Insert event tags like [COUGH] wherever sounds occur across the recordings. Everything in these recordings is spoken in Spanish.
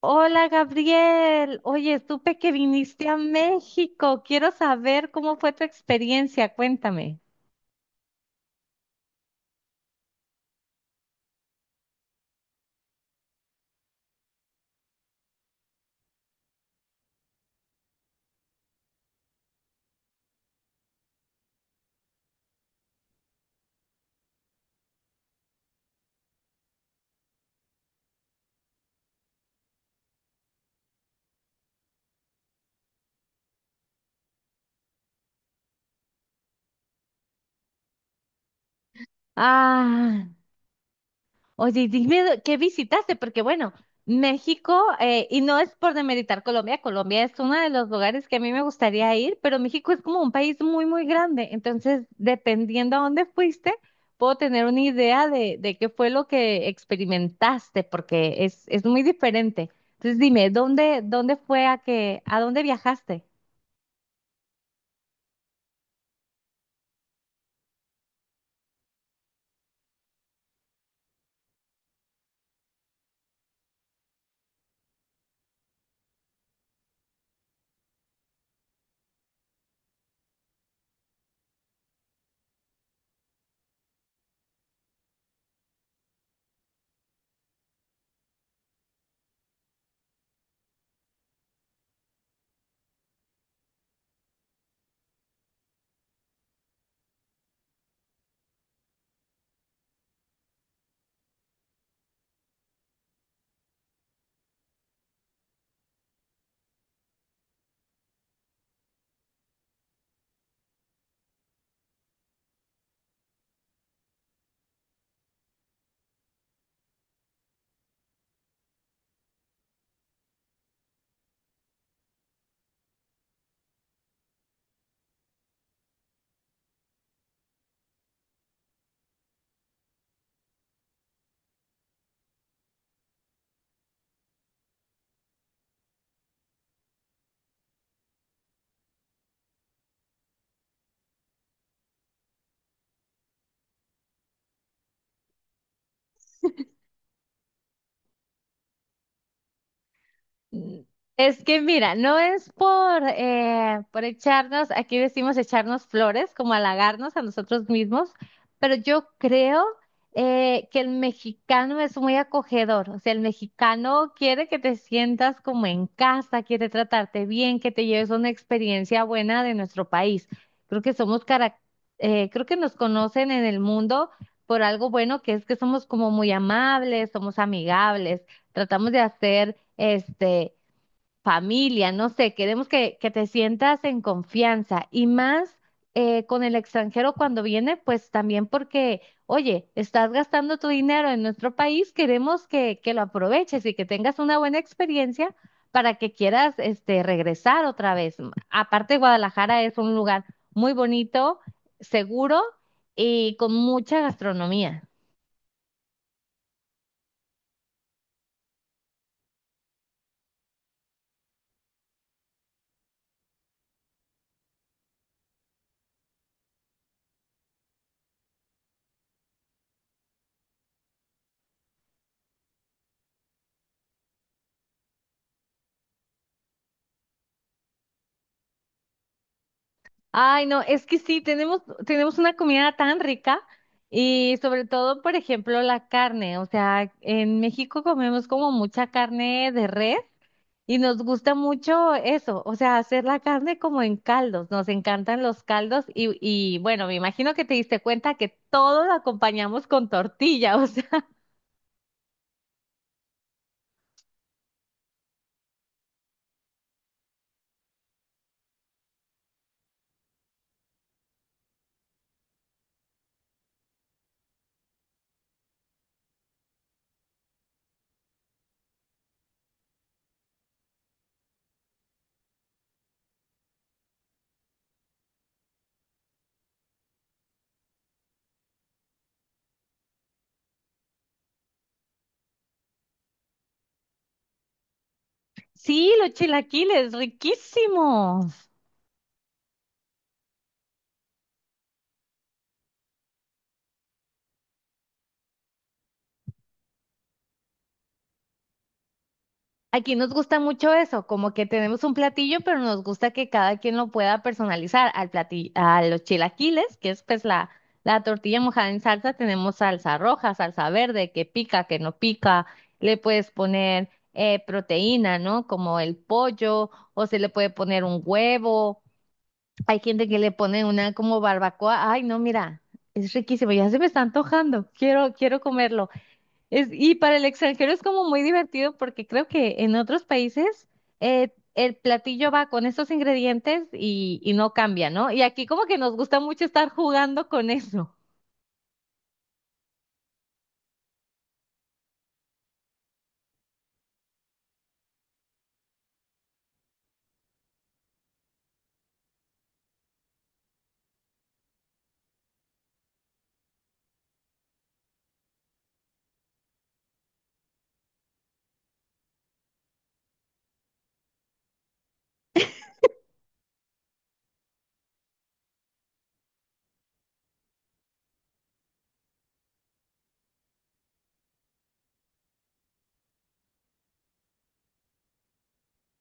Hola Gabriel, oye, supe que viniste a México. Quiero saber cómo fue tu experiencia, cuéntame. Ah, oye, y dime qué visitaste, porque bueno, México, y no es por demeritar Colombia, Colombia es uno de los lugares que a mí me gustaría ir, pero México es como un país muy, muy grande, entonces dependiendo a dónde fuiste, puedo tener una idea de qué fue lo que experimentaste, porque es muy diferente. Entonces dime, ¿dónde, dónde fue a que, a dónde viajaste? Mm. Es que mira, no es por echarnos, aquí decimos echarnos flores, como halagarnos a nosotros mismos, pero yo creo que el mexicano es muy acogedor, o sea, el mexicano quiere que te sientas como en casa, quiere tratarte bien, que te lleves una experiencia buena de nuestro país. Creo que somos, creo que nos conocen en el mundo por algo bueno que es que somos como muy amables, somos amigables, tratamos de hacer este familia, no sé, queremos que te sientas en confianza y más con el extranjero cuando viene, pues también porque, oye, estás gastando tu dinero en nuestro país, queremos que lo aproveches y que tengas una buena experiencia para que quieras este regresar otra vez. Aparte, Guadalajara es un lugar muy bonito, seguro y con mucha gastronomía. Ay, no, es que sí, tenemos una comida tan rica y sobre todo, por ejemplo, la carne. O sea, en México comemos como mucha carne de res y nos gusta mucho eso, o sea, hacer la carne como en caldos. Nos encantan los caldos y bueno, me imagino que te diste cuenta que todo lo acompañamos con tortilla. O sea, [LAUGHS] sí, los chilaquiles, riquísimos. Aquí nos gusta mucho eso, como que tenemos un platillo, pero nos gusta que cada quien lo pueda personalizar. Al platillo, a los chilaquiles, que es pues la tortilla mojada en salsa, tenemos salsa roja, salsa verde, que pica, que no pica. Le puedes poner proteína, ¿no? Como el pollo, o se le puede poner un huevo. Hay gente que le pone una como barbacoa. Ay, no, mira, es riquísimo, ya se me está antojando. Quiero, quiero comerlo. Es, y para el extranjero es como muy divertido porque creo que en otros países el platillo va con estos ingredientes y no cambia, ¿no? Y aquí como que nos gusta mucho estar jugando con eso.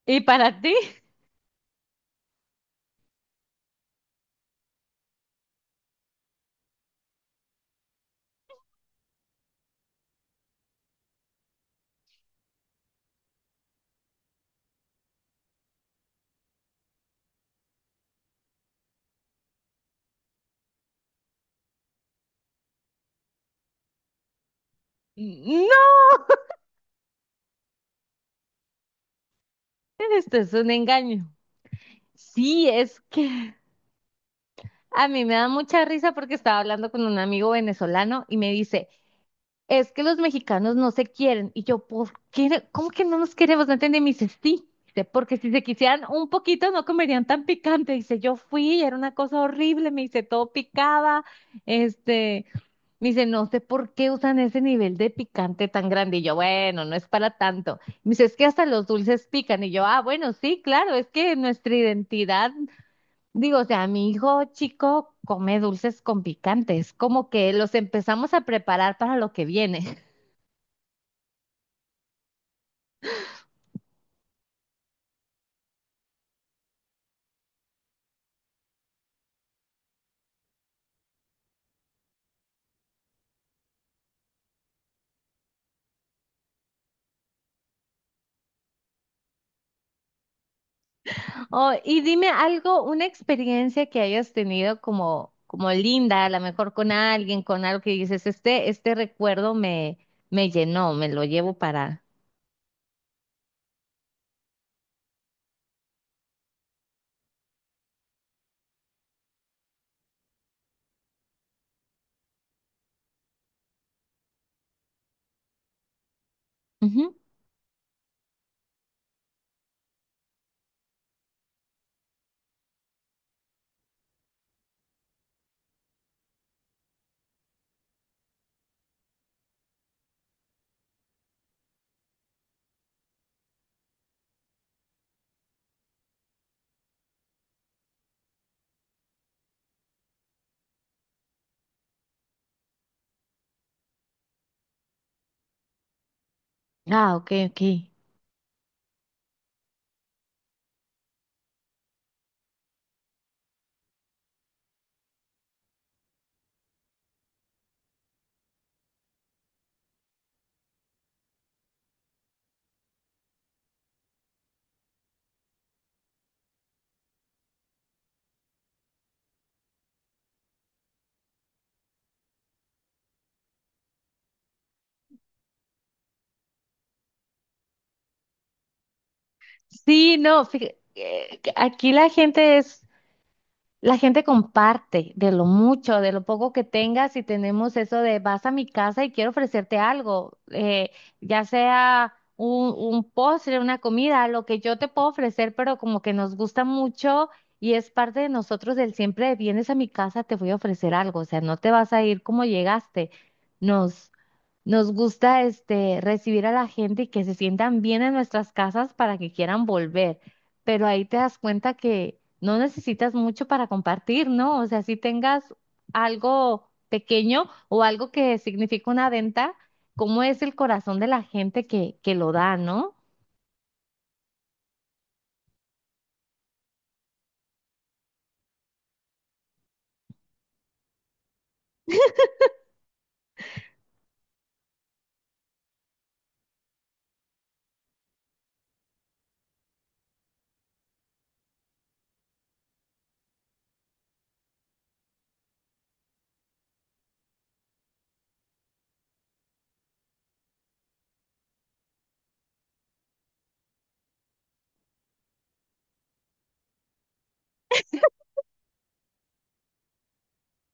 ¿Y para ti? [LAUGHS] No, esto es un engaño. Sí, es que a mí me da mucha risa porque estaba hablando con un amigo venezolano y me dice, es que los mexicanos no se quieren. Y yo, ¿por qué? ¿Cómo que no nos queremos? No entendí. Y me dice, sí. Dice, porque si se quisieran un poquito no comerían tan picante. Dice, yo fui y era una cosa horrible. Me dice, todo picaba. Este, me dice, no sé por qué usan ese nivel de picante tan grande. Y yo, bueno, no es para tanto. Me dice, es que hasta los dulces pican. Y yo, ah, bueno, sí, claro, es que nuestra identidad, digo, o sea, mi hijo chico come dulces con picantes, como que los empezamos a preparar para lo que viene. Oh, y dime algo, una experiencia que hayas tenido como, como linda, a lo mejor con alguien, con algo que dices, este recuerdo me, me llenó, me lo llevo para. Ujú. Ah, ok, ok. Sí, no, fíjate, aquí la gente es, la gente comparte de lo mucho, de lo poco que tengas y tenemos eso de vas a mi casa y quiero ofrecerte algo, ya sea un postre, una comida, lo que yo te puedo ofrecer, pero como que nos gusta mucho y es parte de nosotros el siempre vienes a mi casa, te voy a ofrecer algo, o sea, no te vas a ir como llegaste. Nos, nos gusta este recibir a la gente y que se sientan bien en nuestras casas para que quieran volver, pero ahí te das cuenta que no necesitas mucho para compartir, ¿no? O sea, si tengas algo pequeño o algo que significa una venta, ¿cómo es el corazón de la gente que lo da, ¿no?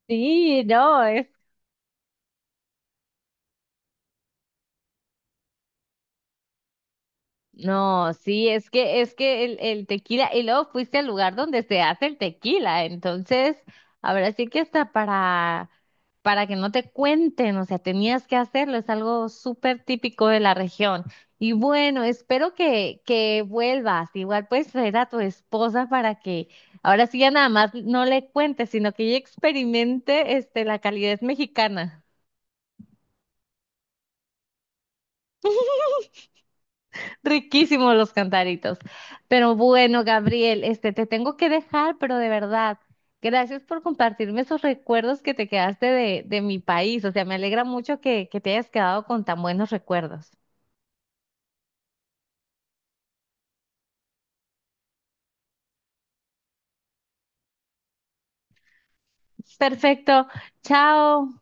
Sí, no. [LAUGHS] No, sí, es que el tequila, y luego fuiste al lugar donde se hace el tequila, entonces, ahora sí que hasta para que no te cuenten, o sea, tenías que hacerlo, es algo súper típico de la región. Y bueno, espero que vuelvas, igual puedes traer a tu esposa para que ahora sí ya nada más no le cuentes, sino que ella experimente este, la calidez mexicana. Riquísimos los cantaritos. Pero bueno, Gabriel, este, te tengo que dejar, pero de verdad, gracias por compartirme esos recuerdos que te quedaste de mi país. O sea, me alegra mucho que te hayas quedado con tan buenos recuerdos. Perfecto. Chao.